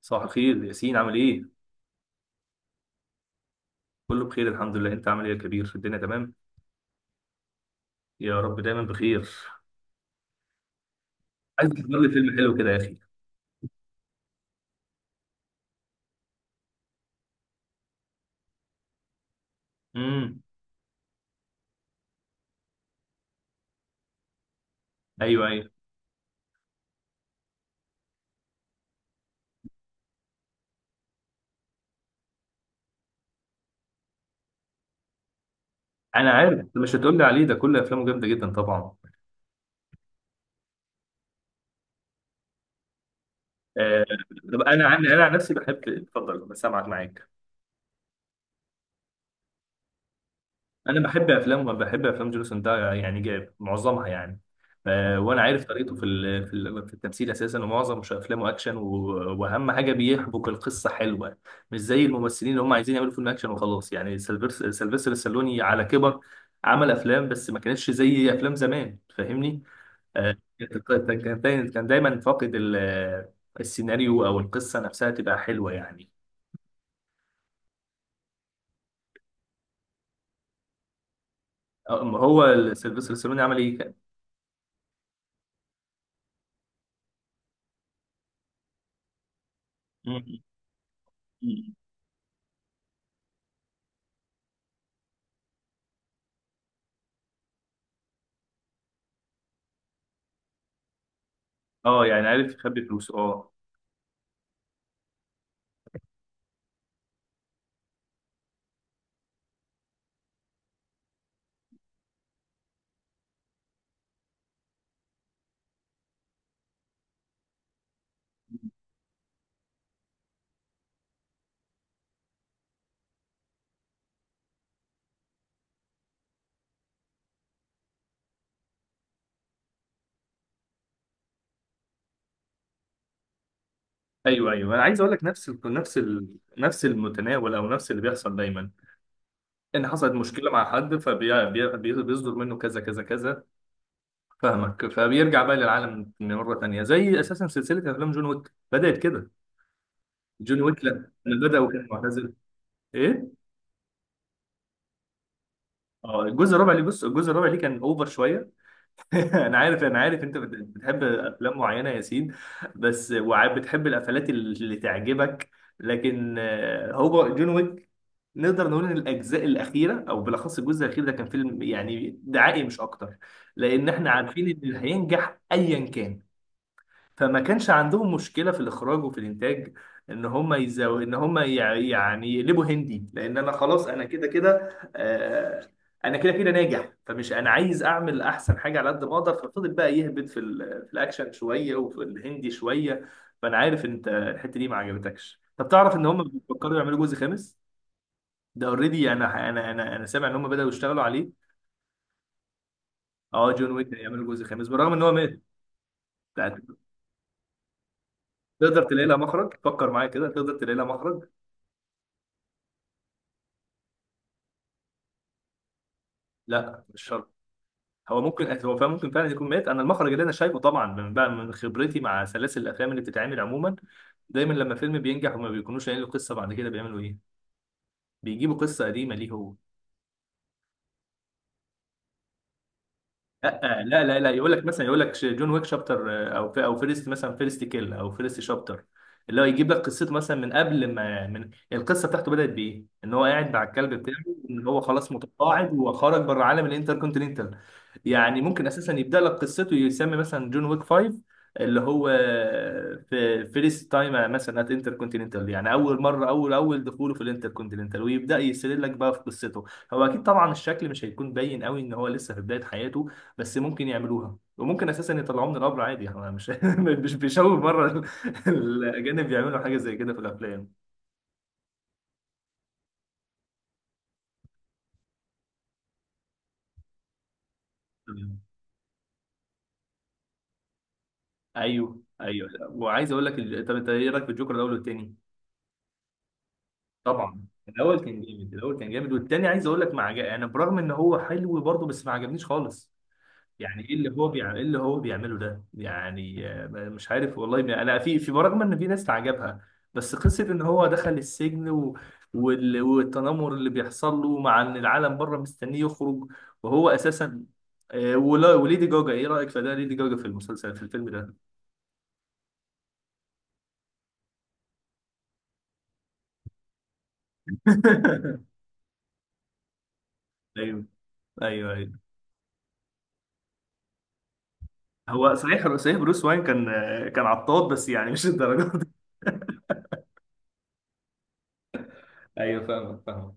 صباح الخير ياسين، عامل ايه؟ كله بخير الحمد لله، انت عامل ايه يا كبير الدنيا، تمام؟ يا رب دايما بخير. عايز تختار لي فيلم حلو كده يا اخي. امم. ايوه، ايوه. انا عارف انت مش هتقول لي عليه ده، كل افلامه جامده جدا طبعا. آه. طب انا عن نفسي بحب اتفضل بسامعك معاك. انا بحب افلام جيسون ده، يعني جاب معظمها يعني. ف- وانا عارف طريقته في التمثيل اساسا، ومعظم مش افلامه اكشن، و- واهم حاجه بيحبك القصه حلوه. مش زي الممثلين اللي هم عايزين يعملوا فيلم اكشن وخلاص، يعني سيلفستر السالوني على كبر عمل افلام، بس ما كانتش زي افلام زمان، فاهمني؟ آه، كان دايماً فاقد السيناريو، او القصه نفسها تبقى حلوه يعني. أما هو سيلفستر السالوني عمل ايه؟ اه، يعني عارف يخبي فلوسه، اه. ايوه، ايوه، انا عايز اقول لك نفس المتناول، او نفس اللي بيحصل دايما، ان حصلت مشكله مع حد فبيصدر منه كذا كذا كذا. فاهمك، فبيرجع بقى للعالم مره تانيه، زي اساسا سلسله افلام جون ويك بدات كده. جون ويك لما بدا وكان معتزل. ايه؟ اه، الجزء الرابع اللي بص، الجزء الرابع اللي كان اوفر شويه. انا عارف انت بتحب افلام معينه يا سيد، بس وبتحب القفلات اللي تعجبك. لكن هو جون ويك، نقدر نقول ان الاجزاء الاخيره، او بالاخص الجزء الاخير ده، كان فيلم يعني دعائي مش اكتر، لان احنا عارفين ان اللي هينجح ايا كان، فما كانش عندهم مشكله في الاخراج وفي الانتاج، ان هم يزو... ان هم يع- يعني يقلبوا هندي، لان انا خلاص انا كده كده، انا كده كده ناجح، فمش انا عايز اعمل احسن حاجه على قد ما اقدر، ففضل بقى يهبط في الاكشن شويه وفي الهندي شويه. فانا عارف انت الحته دي ما عجبتكش. طب تعرف ان هم بيفكروا يعملوا جزء خامس؟ ده اوريدي انا سامع ان هم بداوا يشتغلوا عليه. اه، جون ويك هيعملوا جزء خامس بالرغم ان هو مات. تقدر تلاقي لها مخرج، فكر معايا كده، تقدر تلاقي لها مخرج. لا، مش شرط. هو فعلا ممكن فعلا يكون مات. انا المخرج اللي انا شايفه، طبعا من بقى من خبرتي مع سلاسل الافلام اللي بتتعمل عموما، دايما لما فيلم بينجح وما بيكونوش قايلين له قصه بعد كده بيعملوا ايه؟ بيجيبوا قصه قديمه ليه هو. لا لا لا لا، يقول لك مثلا، جون ويك شابتر، او فيرست، مثلا فيرست كيل او فيرست شابتر، اللي هو يجيب لك قصته مثلا من قبل ما، من القصه بتاعته بدات بايه، ان هو قاعد مع الكلب بتاعه، ان هو خلاص متقاعد وخرج بره عالم الانتركونتيننتال. يعني ممكن اساسا يبدا لك قصته، يسمي مثلا جون ويك 5، اللي هو في فيرست تايم مثلا ات انتركونتيننتال، يعني اول مره، اول دخوله في الانتركونتيننتال، ويبدا يسرد لك بقى في قصته. هو اكيد طبعا الشكل مش هيكون باين قوي ان هو لسه في بدايه حياته، بس ممكن يعملوها، وممكن اساسا يطلعوه من القبر عادي، احنا مش مش بيشوف بره الاجانب بيعملوا حاجه زي كده في الافلام. تمام. ايوه، ايوه، وعايز اقول لك طب انت ايه رايك في الجوكر الاول والتاني؟ طبعا الاول كان جامد، الاول كان جامد، والتاني عايز اقول لك ما عجب، يعني برغم ان هو حلو برضه، بس ما عجبنيش خالص. يعني ايه اللي هو بيعمل، ايه اللي هو بيعمله ده يعني؟ مش عارف والله، انا في برغم ان في ناس تعجبها، بس قصه ان هو دخل السجن والتنمر اللي بيحصل له، مع ان العالم بره مستنيه يخرج، وهو اساسا، وليدي جوجا، ايه رايك في ده؟ ليدي جوجا في الفيلم ده. ايوه، ايوه، ايوه. هو صحيح، صحيح، بروس واين كان عطاط، بس يعني مش الدرجه دي. ايوه، فاهمك فاهمك.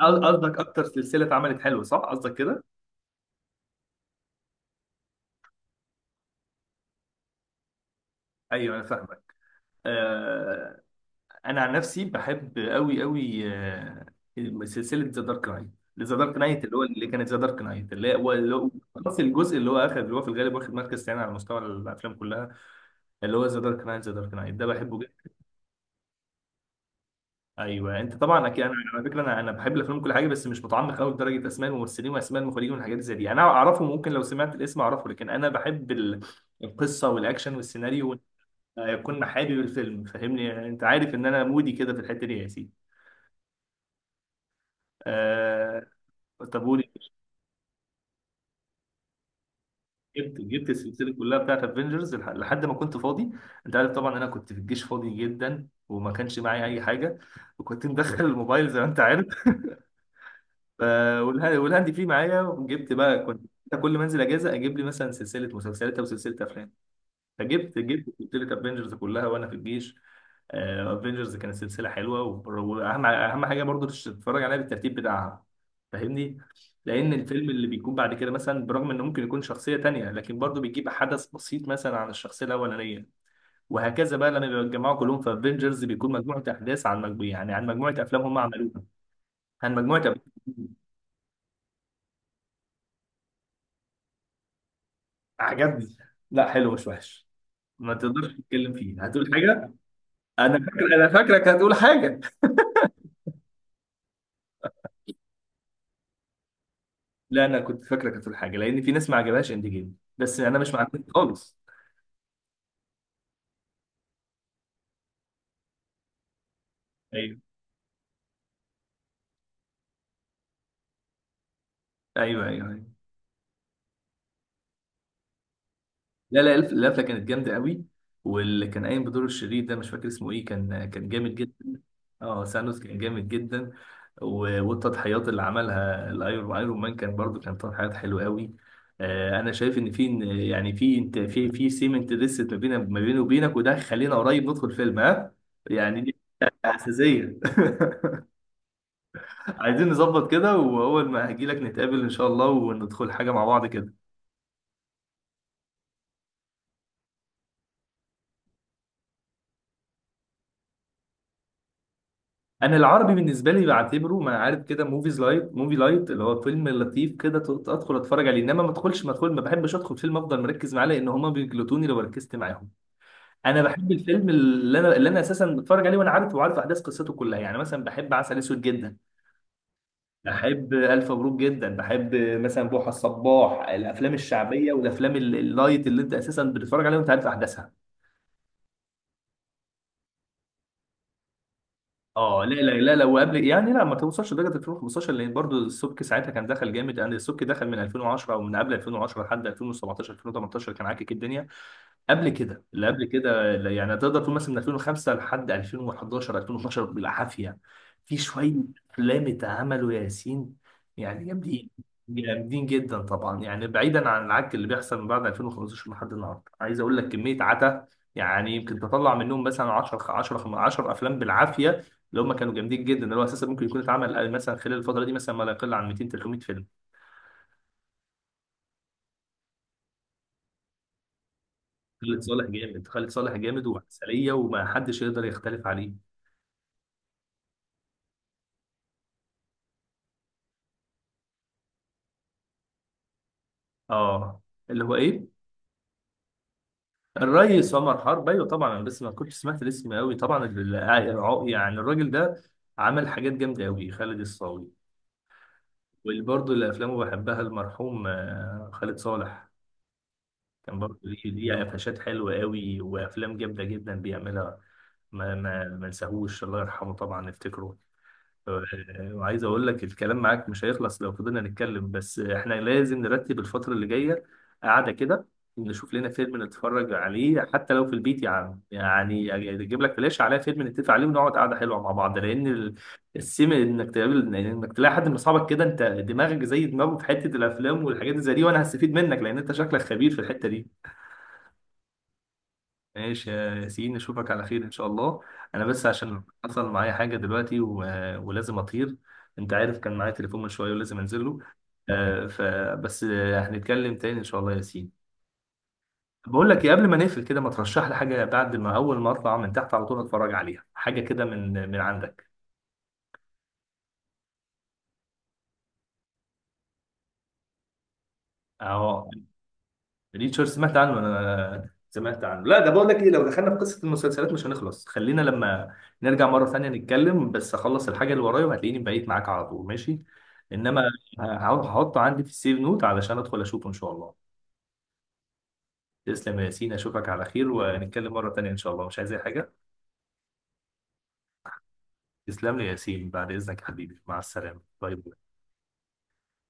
قصدك اكتر سلسله اتعملت حلوه، صح؟ قصدك كده. ايوه، انا فاهمك. آه، انا عن نفسي بحب قوي قوي سلسله ذا دارك نايت. ذا دارك نايت، اللي هو اللي كانت ذا دارك نايت خلاص، الجزء اللي هو في الغالب واخد مركز ثاني على مستوى الافلام كلها، اللي هو ذا دارك نايت، ذا دارك نايت ده بحبه جدا. ايوه، انت طبعا اكيد. انا على فكره، انا بحب الافلام كل حاجه، بس مش متعمق قوي لدرجه اسماء الممثلين واسماء المخرجين والحاجات زي دي، انا اعرفه ممكن لو سمعت الاسم اعرفه، لكن انا بحب القصه والاكشن والسيناريو، وإن يكون حابب الفيلم، فاهمني؟ انت عارف ان انا مودي كده في الحته دي يا سيدي. آه. طب قولي. جبت السلسله كلها بتاعت افنجرز لحد ما كنت فاضي، انت عارف طبعا انا كنت في الجيش فاضي جدا، وما كانش معايا اي حاجه، وكنت مدخل الموبايل زي ما انت عارف ف- والهاند فري معايا، وجبت بقى، كنت كل ما انزل اجازه اجيب لي مثلا سلسله مسلسلات او سلسله افلام، فجبت سلسله افنجرز كلها وانا في الجيش. افنجرز كانت سلسله حلوه، واهم حاجه برضو تتفرج عليها بالترتيب بتاعها، فاهمني؟ لان الفيلم اللي بيكون بعد كده مثلا، برغم انه ممكن يكون شخصيه تانية، لكن برضو بيجيب حدث بسيط مثلا عن الشخصيه الاولانيه، وهكذا بقى. لما بيتجمعوا كلهم في افنجرز بيكون مجموعه احداث عن مجموعه، يعني عن مجموعه افلام هم عملوها، عن مجموعه أفلام. عجبني. لا، حلو، مش وحش. ما تقدرش تتكلم فيه، هتقول حاجه. انا فاكرك هتقول حاجه. لا، انا كنت فاكره كانت الحاجه، لان في ناس ما عجبهاش اند جيم، بس انا مش مع الناس خالص. ايوه، ايوه، ايوه، ايوه. لا لا، القفله كانت جامده قوي، واللي كان قايم بدور الشرير ده مش فاكر اسمه ايه، كان جامد جدا. اه، سانوس كان جامد جدا. والتضحيات اللي عملها الايرون مان كان برضو، كان تضحيات حلوه قوي. انا شايف ان في، يعني في، انت في سيمنت لسه ما بيني وبينك، وده خلينا قريب ندخل فيلم ها، يعني دي اساسيه. عايزين نظبط كده، واول ما هجيلك نتقابل ان شاء الله وندخل حاجه مع بعض كده. انا العربي بالنسبه لي بعتبره ما عارف كده، موفي لايت، اللي هو فيلم لطيف كده، ادخل اتفرج عليه، انما ما بحبش ادخل فيلم افضل مركز معاه، لان هما بيجلطوني لو ركزت معاهم. انا بحب الفيلم اللي انا اساسا بتفرج عليه، وانا عارف احداث قصته كلها. يعني مثلا بحب عسل اسود جدا. بحب الف مبروك جدا. بحب مثلا بوحه الصباح، الافلام الشعبيه والافلام اللايت اللي انت اساسا بتتفرج عليها وانت عارف احداثها. اه، لا لا لا، لو قبل، يعني لا، ما توصلش لدرجه 2015، لان برضو السبك ساعتها كان دخل جامد، يعني السبك دخل من 2010 او من قبل 2010 لحد 2017 2018، كان عاكك الدنيا. قبل كده اللي يعني تقدر تقول مثلا من 2005 لحد 2011 2012 بالعافيه. في شويه افلام اتعملوا يا ياسين، يعني جامدين، جامدين جدا طبعا، يعني بعيدا عن العك اللي بيحصل من بعد 2015 لحد النهارده، عايز اقول لك كميه عتا، يعني يمكن تطلع منهم مثلا 10 10 10 افلام بالعافيه اللي هم كانوا جامدين جدا، اللي هو اساسا ممكن يكون اتعمل مثلا خلال الفتره دي مثلا ما لا يقل عن 200 300 فيلم. خالد صالح جامد، خالد صالح جامد وعسليه، وما حدش يقدر يختلف عليه. اه، اللي هو ايه؟ الريس عمر حرب، ايوه طبعا، انا بس ما كنتش سمعت الاسم قوي طبعا. يعني الراجل ده عمل حاجات جامده قوي، خالد الصاوي، واللي برضه اللي افلامه بحبها المرحوم خالد صالح، كان برضه ليه قفشات حلوه قوي وافلام جامده جدا بيعملها. ما نساهوش، الله يرحمه طبعا، نفتكره. آه، وعايز اقول لك الكلام معاك مش هيخلص لو فضلنا نتكلم، بس احنا لازم نرتب الفترة اللي جاية، قعدة كده، نشوف لنا فيلم نتفرج عليه، حتى لو في البيت يا عم، يعني اجيب لك فلاش عليها فيلم نتفق عليه ونقعد قعدة حلوة مع بعض، لان السيم انك تقابل، انك تلاقي حد من اصحابك كده، انت دماغك زي دماغه في حتة الافلام والحاجات اللي زي دي، وانا هستفيد منك لان انت شكلك خبير في الحتة دي. ماشي يا ياسين، اشوفك على خير ان شاء الله. انا بس عشان حصل معايا حاجه دلوقتي ولازم اطير، انت عارف كان معايا تليفون من شويه ولازم انزل له. فبس، هنتكلم تاني ان شاء الله يا ياسين. بقول لك ايه، قبل ما نقفل كده، ما ترشح لي حاجه بعد ما اول ما اطلع من تحت على طول اتفرج عليها، حاجه كده من من عندك. اه، ريتشارد، سمعت عنه انا سمعت عنه. لا، ده بقول لك ايه، لو دخلنا في قصه المسلسلات مش هنخلص، خلينا لما نرجع مره ثانيه نتكلم، بس اخلص الحاجه اللي ورايا وهتلاقيني بقيت معاك على طول، ماشي؟ انما هحطه عندي في السيف نوت علشان ادخل اشوفه ان شاء الله. تسلم يا ياسين، اشوفك على خير، ونتكلم مره ثانيه ان شاء الله. مش عايز اي حاجه. تسلم لي يا ياسين، بعد اذنك يا حبيبي، مع السلامه، باي باي.